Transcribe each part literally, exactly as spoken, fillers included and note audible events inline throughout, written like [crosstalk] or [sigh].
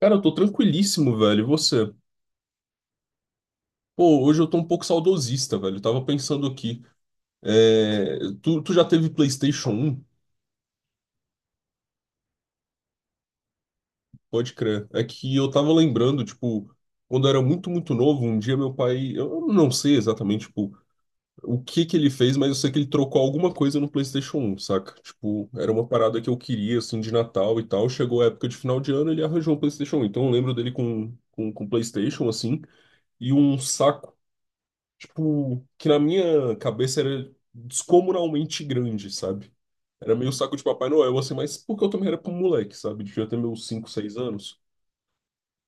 Cara, eu tô tranquilíssimo, velho. E você? Pô, hoje eu tô um pouco saudosista, velho. Eu tava pensando aqui. é, Tu, tu já teve PlayStation um. Pode crer. É que eu tava lembrando, tipo, quando eu era muito, muito novo, um dia meu pai. Eu não sei exatamente, tipo, o que que ele fez, mas eu sei que ele trocou alguma coisa no PlayStation um, saca? Tipo, era uma parada que eu queria, assim, de Natal e tal. Chegou a época de final de ano, ele arranjou um PlayStation um. Então eu lembro dele com, com, com PlayStation, assim. E um saco, tipo, que na minha cabeça era descomunalmente grande, sabe? Era meio saco de Papai Noel, assim, mas porque eu também era com moleque, sabe? Devia ter meus cinco, seis anos.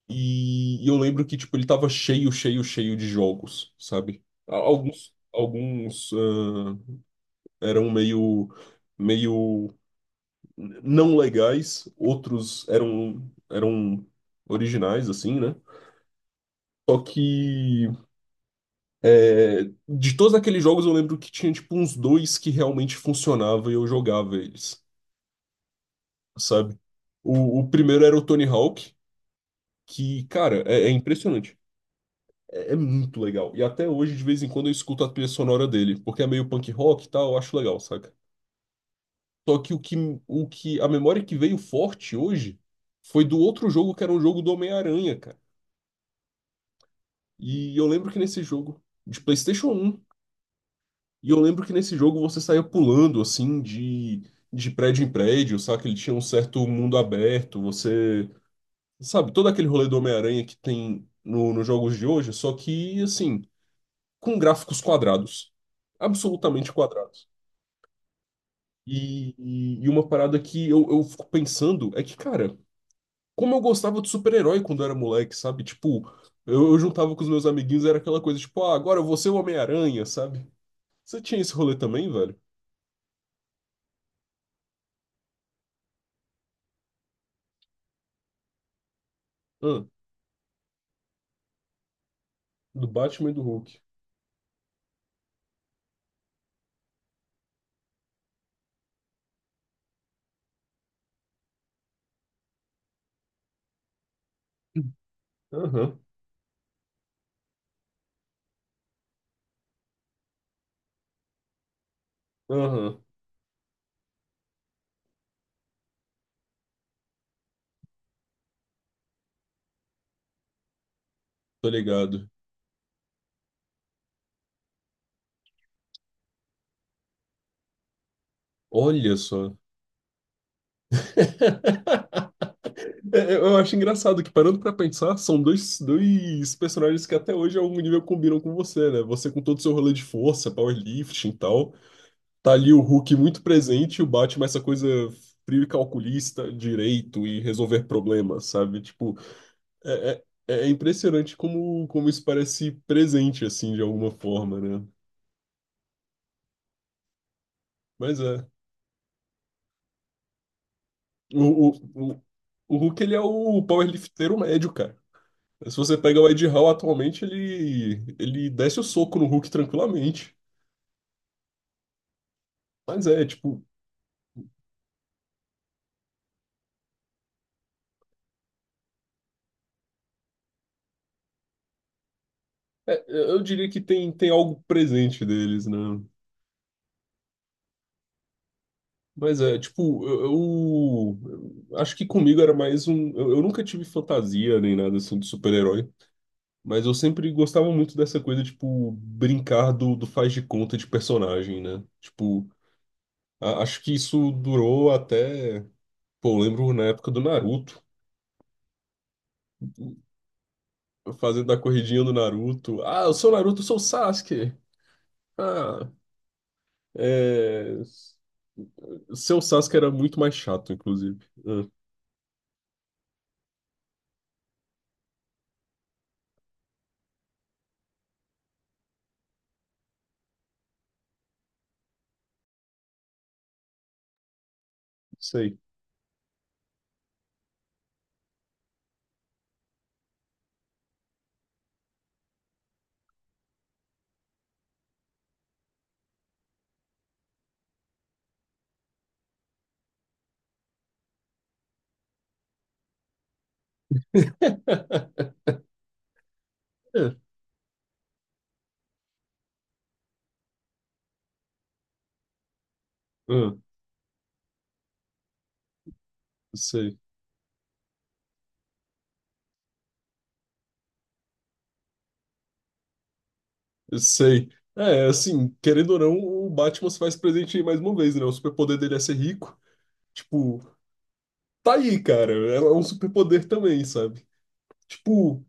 E, e eu lembro que, tipo, ele tava cheio, cheio, cheio de jogos, sabe? A- Alguns, alguns ah, eram meio, meio não legais, outros eram, eram originais, assim, né? Só que É, de todos aqueles jogos, eu lembro que tinha tipo uns dois que realmente funcionava e eu jogava eles, sabe? O, o primeiro era o Tony Hawk, que, cara, é, é impressionante. É, é muito legal. E até hoje, de vez em quando, eu escuto a trilha sonora dele, porque é meio punk rock e tal, eu acho legal, saca? Só que o que, o que a memória que veio forte hoje foi do outro jogo que era um jogo do Homem-Aranha, cara. E eu lembro que nesse jogo, de PlayStation um. E eu lembro que nesse jogo você saía pulando, assim, de, de prédio em prédio, sabe? Ele tinha um certo mundo aberto, você... Sabe, todo aquele rolê do Homem-Aranha que tem no, nos jogos de hoje, só que, assim, com gráficos quadrados. Absolutamente quadrados. E, e, e uma parada que eu, eu fico pensando é que, cara, como eu gostava de super-herói quando eu era moleque, sabe? Tipo, eu, eu juntava com os meus amiguinhos, era aquela coisa, tipo, ah, agora eu vou ser o Homem-Aranha, sabe? Você tinha esse rolê também, velho? Hã? Do Batman e do Hulk. Aham, aham, tô ligado. Olha só. [laughs] É, é, eu acho engraçado que, parando pra pensar, são dois, dois personagens que até hoje a algum nível combinam com você, né? Você com todo o seu rolê de força, powerlifting e tal. Tá ali o Hulk muito presente e o Batman, essa coisa frio e calculista, direito e resolver problemas, sabe? Tipo, é, é, é impressionante como, como isso parece presente, assim, de alguma forma, né? Mas é. O, o, o, o Hulk, ele é o powerlifteiro médio, cara. Se você pega o Ed Hall atualmente, ele, ele desce o soco no Hulk tranquilamente. Mas é, tipo, é, eu diria que tem, tem algo presente deles, né? Mas é, tipo, eu, eu- eu acho que comigo era mais um. Eu, eu nunca tive fantasia nem nada assim de super-herói, mas eu sempre gostava muito dessa coisa, tipo, brincar do, do faz de conta de personagem, né? Tipo, a- acho que isso durou até. Pô, eu lembro na época do Naruto. Fazendo a corridinha do Naruto. Ah, eu sou o Naruto, eu sou o Sasuke. Ah, é... Seu Sasuke era muito mais chato, inclusive. Ah, sei. É, é, ah, sei. Sei. É, assim, querendo ou não, o Batman se faz presente aí mais uma vez, né? O superpoder dele é ser rico. Tipo, tá aí, cara. É é um superpoder também, sabe? Tipo,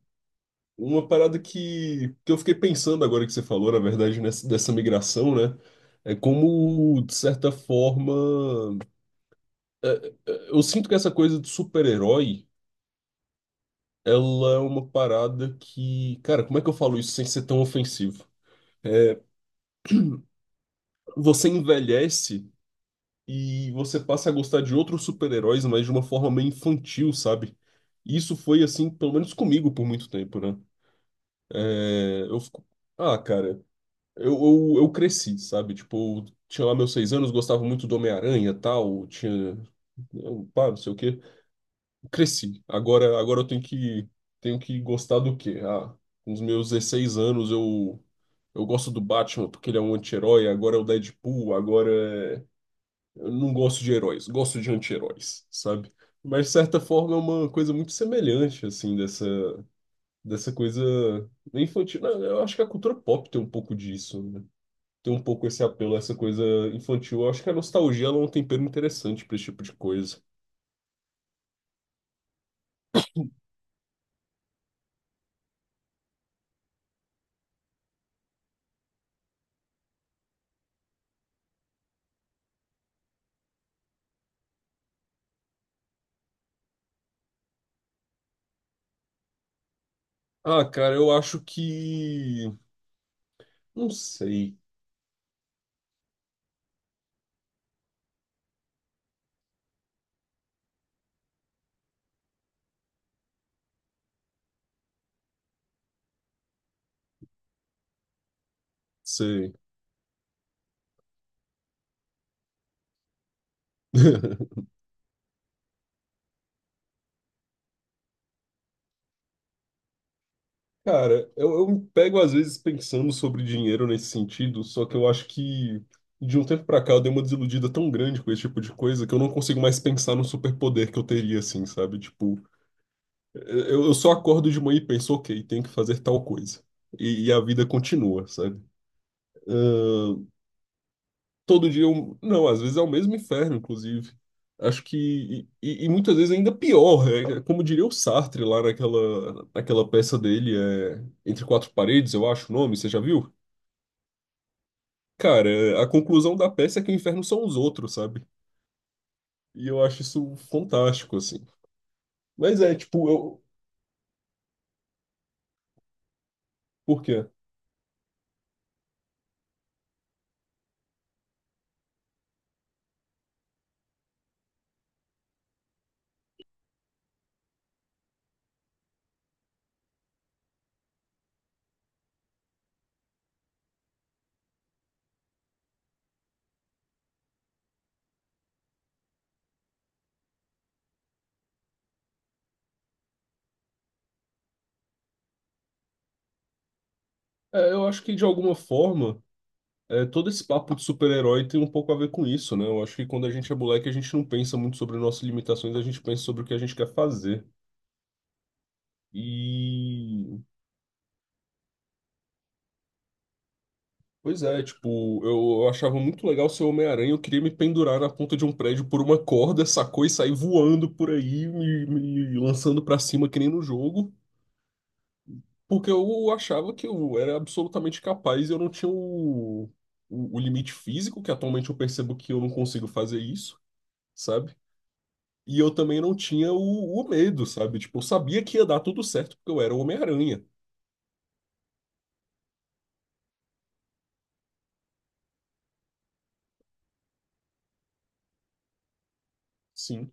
uma parada que, que eu fiquei pensando agora que você falou, na verdade, nessa, dessa migração, né? É como, de certa forma. Eu sinto que essa coisa de super-herói, ela é uma parada que, cara, como é que eu falo isso sem ser tão ofensivo? Você envelhece e você passa a gostar de outros super-heróis, mas de uma forma meio infantil, sabe? E isso foi assim, pelo menos comigo por muito tempo, né? É, eu fico, ah, cara, eu, eu, eu cresci, sabe? Tipo, eu tinha lá meus seis anos, gostava muito do Homem-Aranha, e tal, tinha, eu, pá, não sei o quê. Cresci. Agora, agora eu tenho que, tenho que gostar do quê? Ah, com os meus dezesseis anos eu, eu gosto do Batman porque ele é um anti-herói, agora é o Deadpool, agora é... Eu não gosto de heróis, gosto de anti-heróis, sabe? Mas, de certa forma, é uma coisa muito semelhante, assim, dessa, dessa coisa infantil. Não, eu acho que a cultura pop tem um pouco disso, né? Tem um pouco esse apelo, essa coisa infantil. Eu acho que a nostalgia ela é um tempero interessante para esse tipo de coisa. Ah, cara, eu acho que Não sei. Sei. [laughs] Cara, eu, eu me pego às vezes pensando sobre dinheiro nesse sentido, só que eu acho que de um tempo pra cá eu dei uma desiludida tão grande com esse tipo de coisa que eu não consigo mais pensar no superpoder que eu teria, assim, sabe? Tipo, eu, eu só acordo de manhã e penso, ok, tenho que fazer tal coisa. E, e a vida continua, sabe? Todo dia um... Não, às vezes é o mesmo inferno, inclusive. Acho que. E, e muitas vezes ainda pior. Né? É, como diria o Sartre lá naquela, naquela peça dele, é... Entre Quatro Paredes, eu acho o nome, você já viu? Cara, é, a conclusão da peça é que o inferno são os outros, sabe? E eu acho isso fantástico, assim. Mas é, tipo, eu. Por quê? É, eu acho que de alguma forma. É, todo esse papo de super-herói tem um pouco a ver com isso, né? Eu acho que quando a gente é moleque, a gente não pensa muito sobre nossas limitações, a gente pensa sobre o que a gente quer fazer. E pois é, tipo, eu, eu achava muito legal ser Homem-Aranha, eu queria me pendurar na ponta de um prédio por uma corda, sacou? E sair voando por aí, me, me lançando pra cima que nem no jogo, porque eu achava que eu era absolutamente capaz e eu não tinha o, o, o limite físico, que atualmente eu percebo que eu não consigo fazer isso, sabe? E eu também não tinha o, o medo, sabe? Tipo, eu sabia que ia dar tudo certo porque eu era o Homem-Aranha. Sim.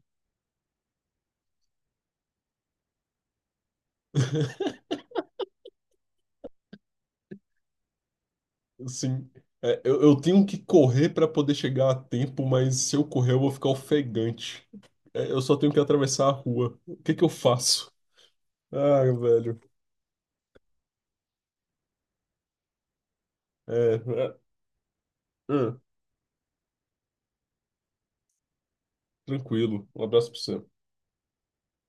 Assim, é, eu, eu tenho que correr para poder chegar a tempo, mas se eu correr eu vou ficar ofegante. É, eu só tenho que atravessar a rua. O que que eu faço? Ah, velho. É, é, hum, tranquilo. Um abraço pra você.